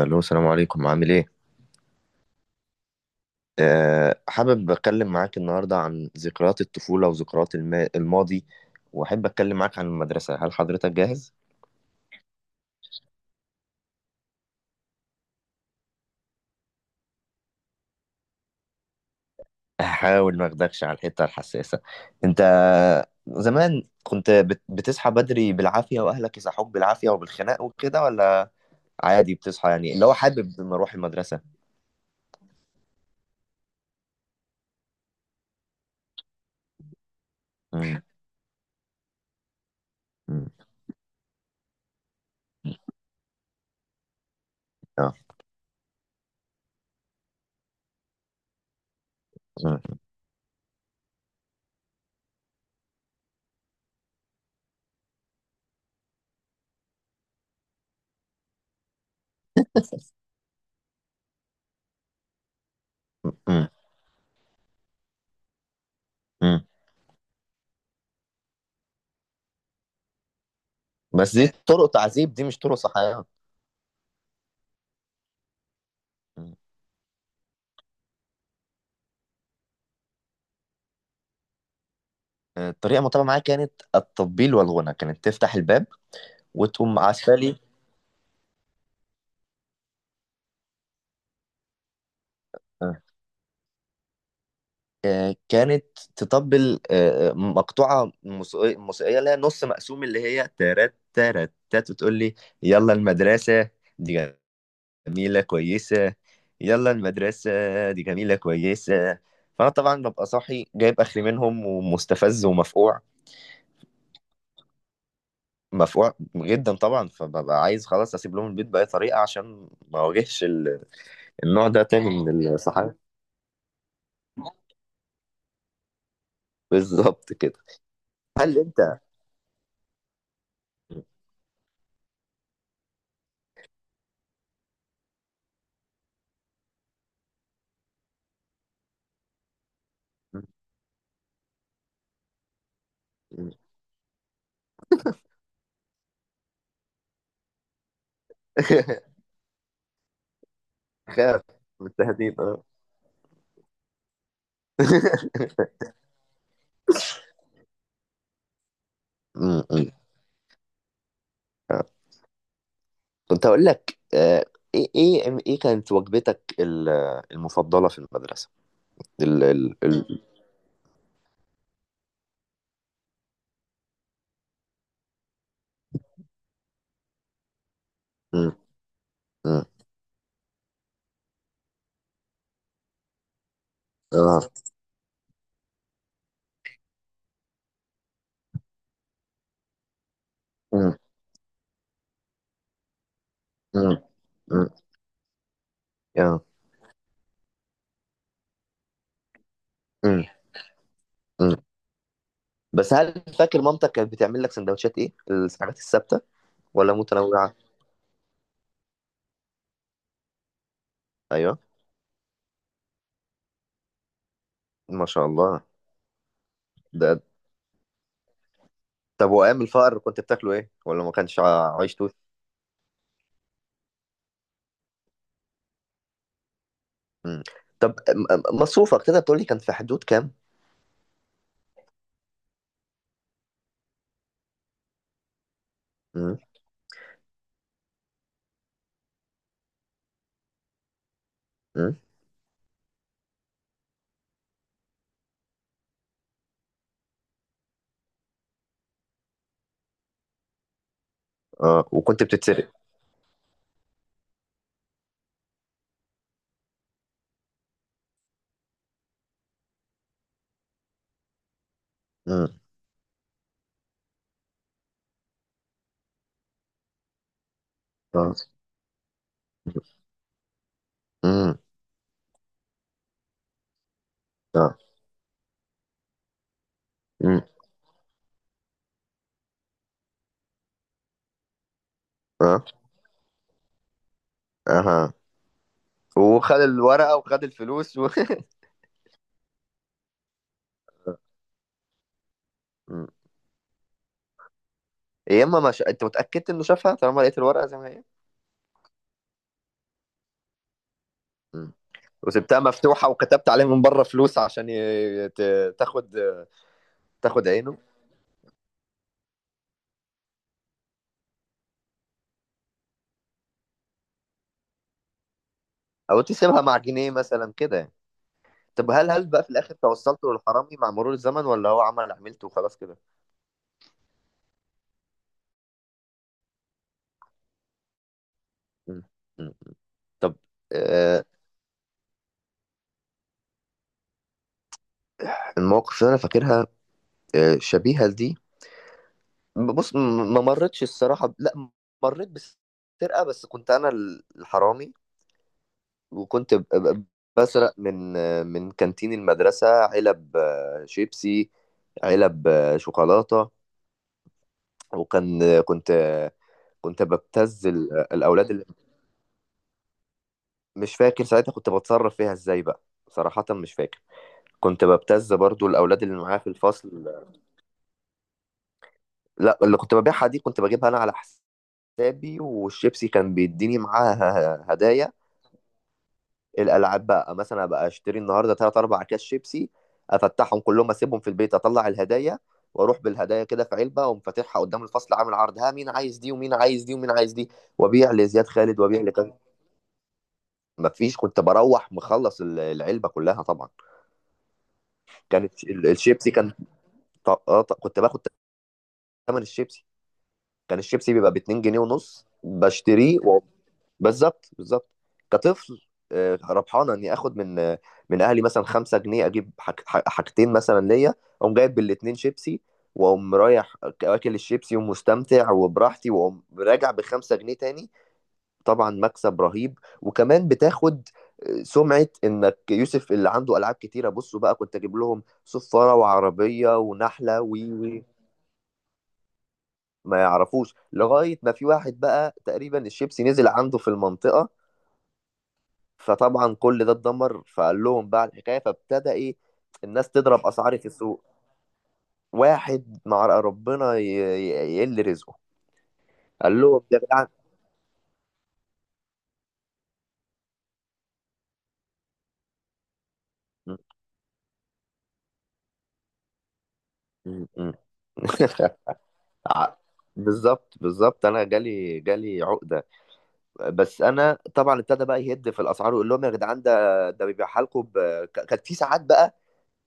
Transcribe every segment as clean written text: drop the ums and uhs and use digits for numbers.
الو، السلام عليكم، عامل ايه؟ حابب اتكلم معاك النهارده عن ذكريات الطفوله وذكريات الماضي. واحب اتكلم معاك عن المدرسه. هل حضرتك جاهز؟ هحاول ما اخدكش على الحته الحساسه. انت زمان كنت بتصحى بدري بالعافيه، واهلك يصحوك بالعافيه وبالخناق وكده، ولا عادي بتصحى يعني اللي هو حابب لما اروح المدرسه؟ مم. مم. آه. مم. مم. مم. بس دي طرق تعذيب، دي مش طرق صحيه. الطريقة المتبعة معايا كانت التطبيل والغنى. كانت تفتح الباب وتقوم عسالي. آه، كانت تطبل، مقطوعة موسيقية اللي هي نص مقسوم، اللي هي تارات تارات تات، وتقول لي يلا المدرسة دي جميلة كويسة، يلا المدرسة دي جميلة كويسة. فأنا طبعا ببقى صاحي جايب آخري منهم ومستفز ومفقوع. مفقوع جدا طبعا. فببقى عايز خلاص اسيب لهم البيت باي طريقه عشان ما اواجهش النوع ده تاني من الصحاب. بالظبط كده. هل انت؟ خاف من التهديد، اه. م- م. آه. كنت هقول لك، ايه كانت وجبتك المفضلة في المدرسة؟ ال ال ال م- م. اه. م- م- م. آه. م- م. بس هل فاكر مامتك كانت بتعمل لك سندوتشات ايه الحاجات الثابتة، ولا متنوعة؟ ايوه. ما شاء الله. ده طب وايام الفقر كنت بتاكله ايه، ولا ما كانش عيش؟ مم. طب مصروفك تقدر تقول لي كان في حدود كام؟ مم. مم. اه، وكنت بتتسرق؟ مم. اه. مم. اه. مم. اه. اها. وخد الورقة وخد الفلوس و... مم. يا اما ما ش... انت متأكد انه شافها طالما لقيت الورقة زي ما هي؟ مم. وسبتها مفتوحة وكتبت عليها من بره فلوس عشان تاخد. تاخد عينه. او تسيبها مع جنيه مثلا كده يعني. طب هل بقى في الاخر توصلتوا للحرامي مع مرور الزمن، ولا هو عمل عملته وخلاص كده؟ مم. طب. آه، المواقف اللي انا فاكرها شبيهه لدي. بص، ما مرتش الصراحه، لا، مريت بسرقه بس كنت انا الحرامي. وكنت بسرق من من كانتين المدرسه علب شيبسي، علب شوكولاته. وكان كنت ببتز الاولاد اللي... مش فاكر ساعتها كنت بتصرف فيها ازاي بقى، صراحه مش فاكر. كنت ببتز برضو الاولاد اللي معايا في الفصل. لا، اللي كنت ببيعها دي كنت بجيبها انا على حسابي. والشيبسي كان بيديني معاها هدايا. الالعاب بقى مثلا ابقى اشتري النهارده 3 4 كاس شيبسي، افتحهم كلهم، اسيبهم في البيت، اطلع الهدايا. واروح بالهدايا كده في علبه، اقوم فاتحها قدام الفصل عامل عرض، ها مين عايز دي، ومين عايز دي، ومين عايز دي. وابيع لزياد خالد، وابيع لكذا. مفيش، كنت بروح مخلص العلبه كلها طبعا. كانت الشيبسي كان كنت باخد ثمن الشيبسي. كان الشيبسي بيبقى ب 2 جنيه ونص بشتريه. بالظبط بالظبط. كطفل، ربحانه اني اخد من من اهلي مثلا 5 جنيه، اجيب حاجتين مثلا ليا. اقوم جايب بالاتنين شيبسي، واقوم رايح اكل الشيبسي ومستمتع وبراحتي، واقوم راجع ب 5 جنيه تاني. طبعا مكسب رهيب. وكمان بتاخد سمعة انك يوسف اللي عنده العاب كتيرة. بصوا بقى، كنت اجيب لهم صفارة وعربية ونحلة وي وي. ما يعرفوش لغاية ما في واحد بقى تقريبا الشيبسي نزل عنده في المنطقة. فطبعا كل ده اتدمر، فقال لهم بقى الحكايه. فابتدى ايه، الناس تضرب اسعاري في السوق. واحد مع ربنا يقل رزقه. قال لهم ده بقى. م- م- م. ع- بالظبط بالظبط. انا جالي عقده. بس انا طبعا ابتدى بقى يهد في الاسعار ويقول لهم يا جدعان ده بيبيعها لكم ب... كانت في ساعات بقى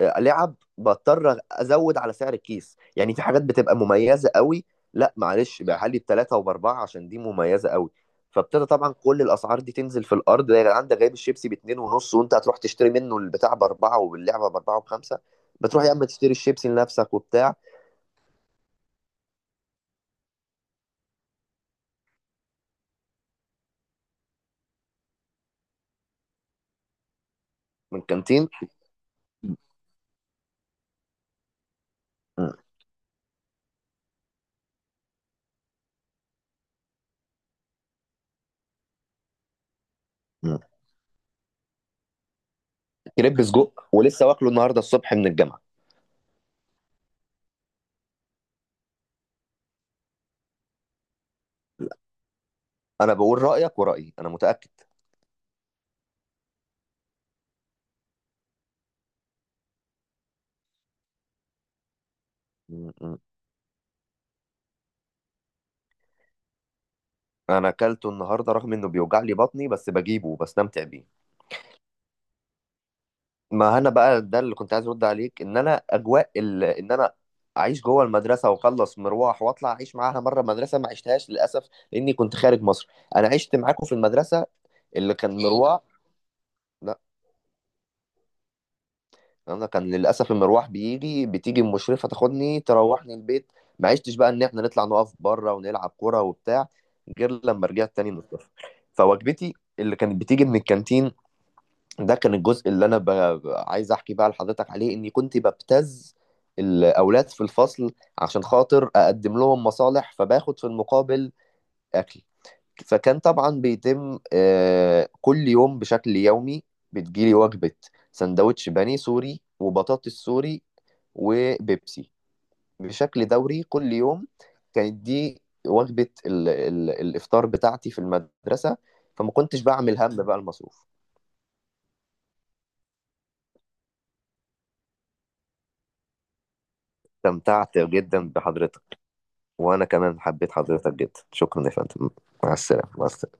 لعب بضطر ازود على سعر الكيس، يعني في حاجات بتبقى مميزه قوي. لا معلش، بقى لي بثلاثه وباربعه عشان دي مميزه قوي. فابتدى طبعا كل الاسعار دي تنزل في الارض. ده يا جدعان ده جايب الشيبسي باتنين ونص، وانت هتروح تشتري منه البتاع باربعه، واللعبه باربعه وبخمسه. بتروح يا اما تشتري الشيبسي لنفسك وبتاع. من كانتين. م- م- كريب سجق، ولسه واكله النهارده الصبح من الجامعه. انا بقول رايك، ورايي انا متاكد. م- م. انا اكلته النهارده رغم انه بيوجع لي بطني، بس بجيبه وبستمتع بيه. ما انا بقى ده اللي كنت عايز ارد عليك، ان انا اجواء ان انا اعيش جوه المدرسه واخلص مروح واطلع اعيش معاها، مره مدرسه ما عشتهاش للاسف لاني كنت خارج مصر. انا عشت معاكم في المدرسه اللي كان مروح. لا، انا كان للاسف المروح بيجي، بتيجي المشرفه تاخدني تروحني البيت. ما عشتش بقى ان احنا نطلع نقف بره ونلعب كوره وبتاع، غير لما رجعت تاني من الصفر. فوجبتي اللي كانت بتيجي من الكانتين، ده كان الجزء اللي انا عايز احكي بقى لحضرتك عليه، اني كنت ببتز الاولاد في الفصل عشان خاطر اقدم لهم مصالح، فباخد في المقابل اكل. فكان طبعا بيتم كل يوم بشكل يومي، بتجيلي وجبة سندوتش بني سوري وبطاطس سوري وبيبسي بشكل دوري كل يوم. كانت دي وجبة ال ال الإفطار بتاعتي في المدرسة، فما كنتش بعمل هم بقى المصروف. استمتعت جدا بحضرتك. وانا كمان حبيت حضرتك جدا، شكرا يا فندم. مع السلامه مع السلامه.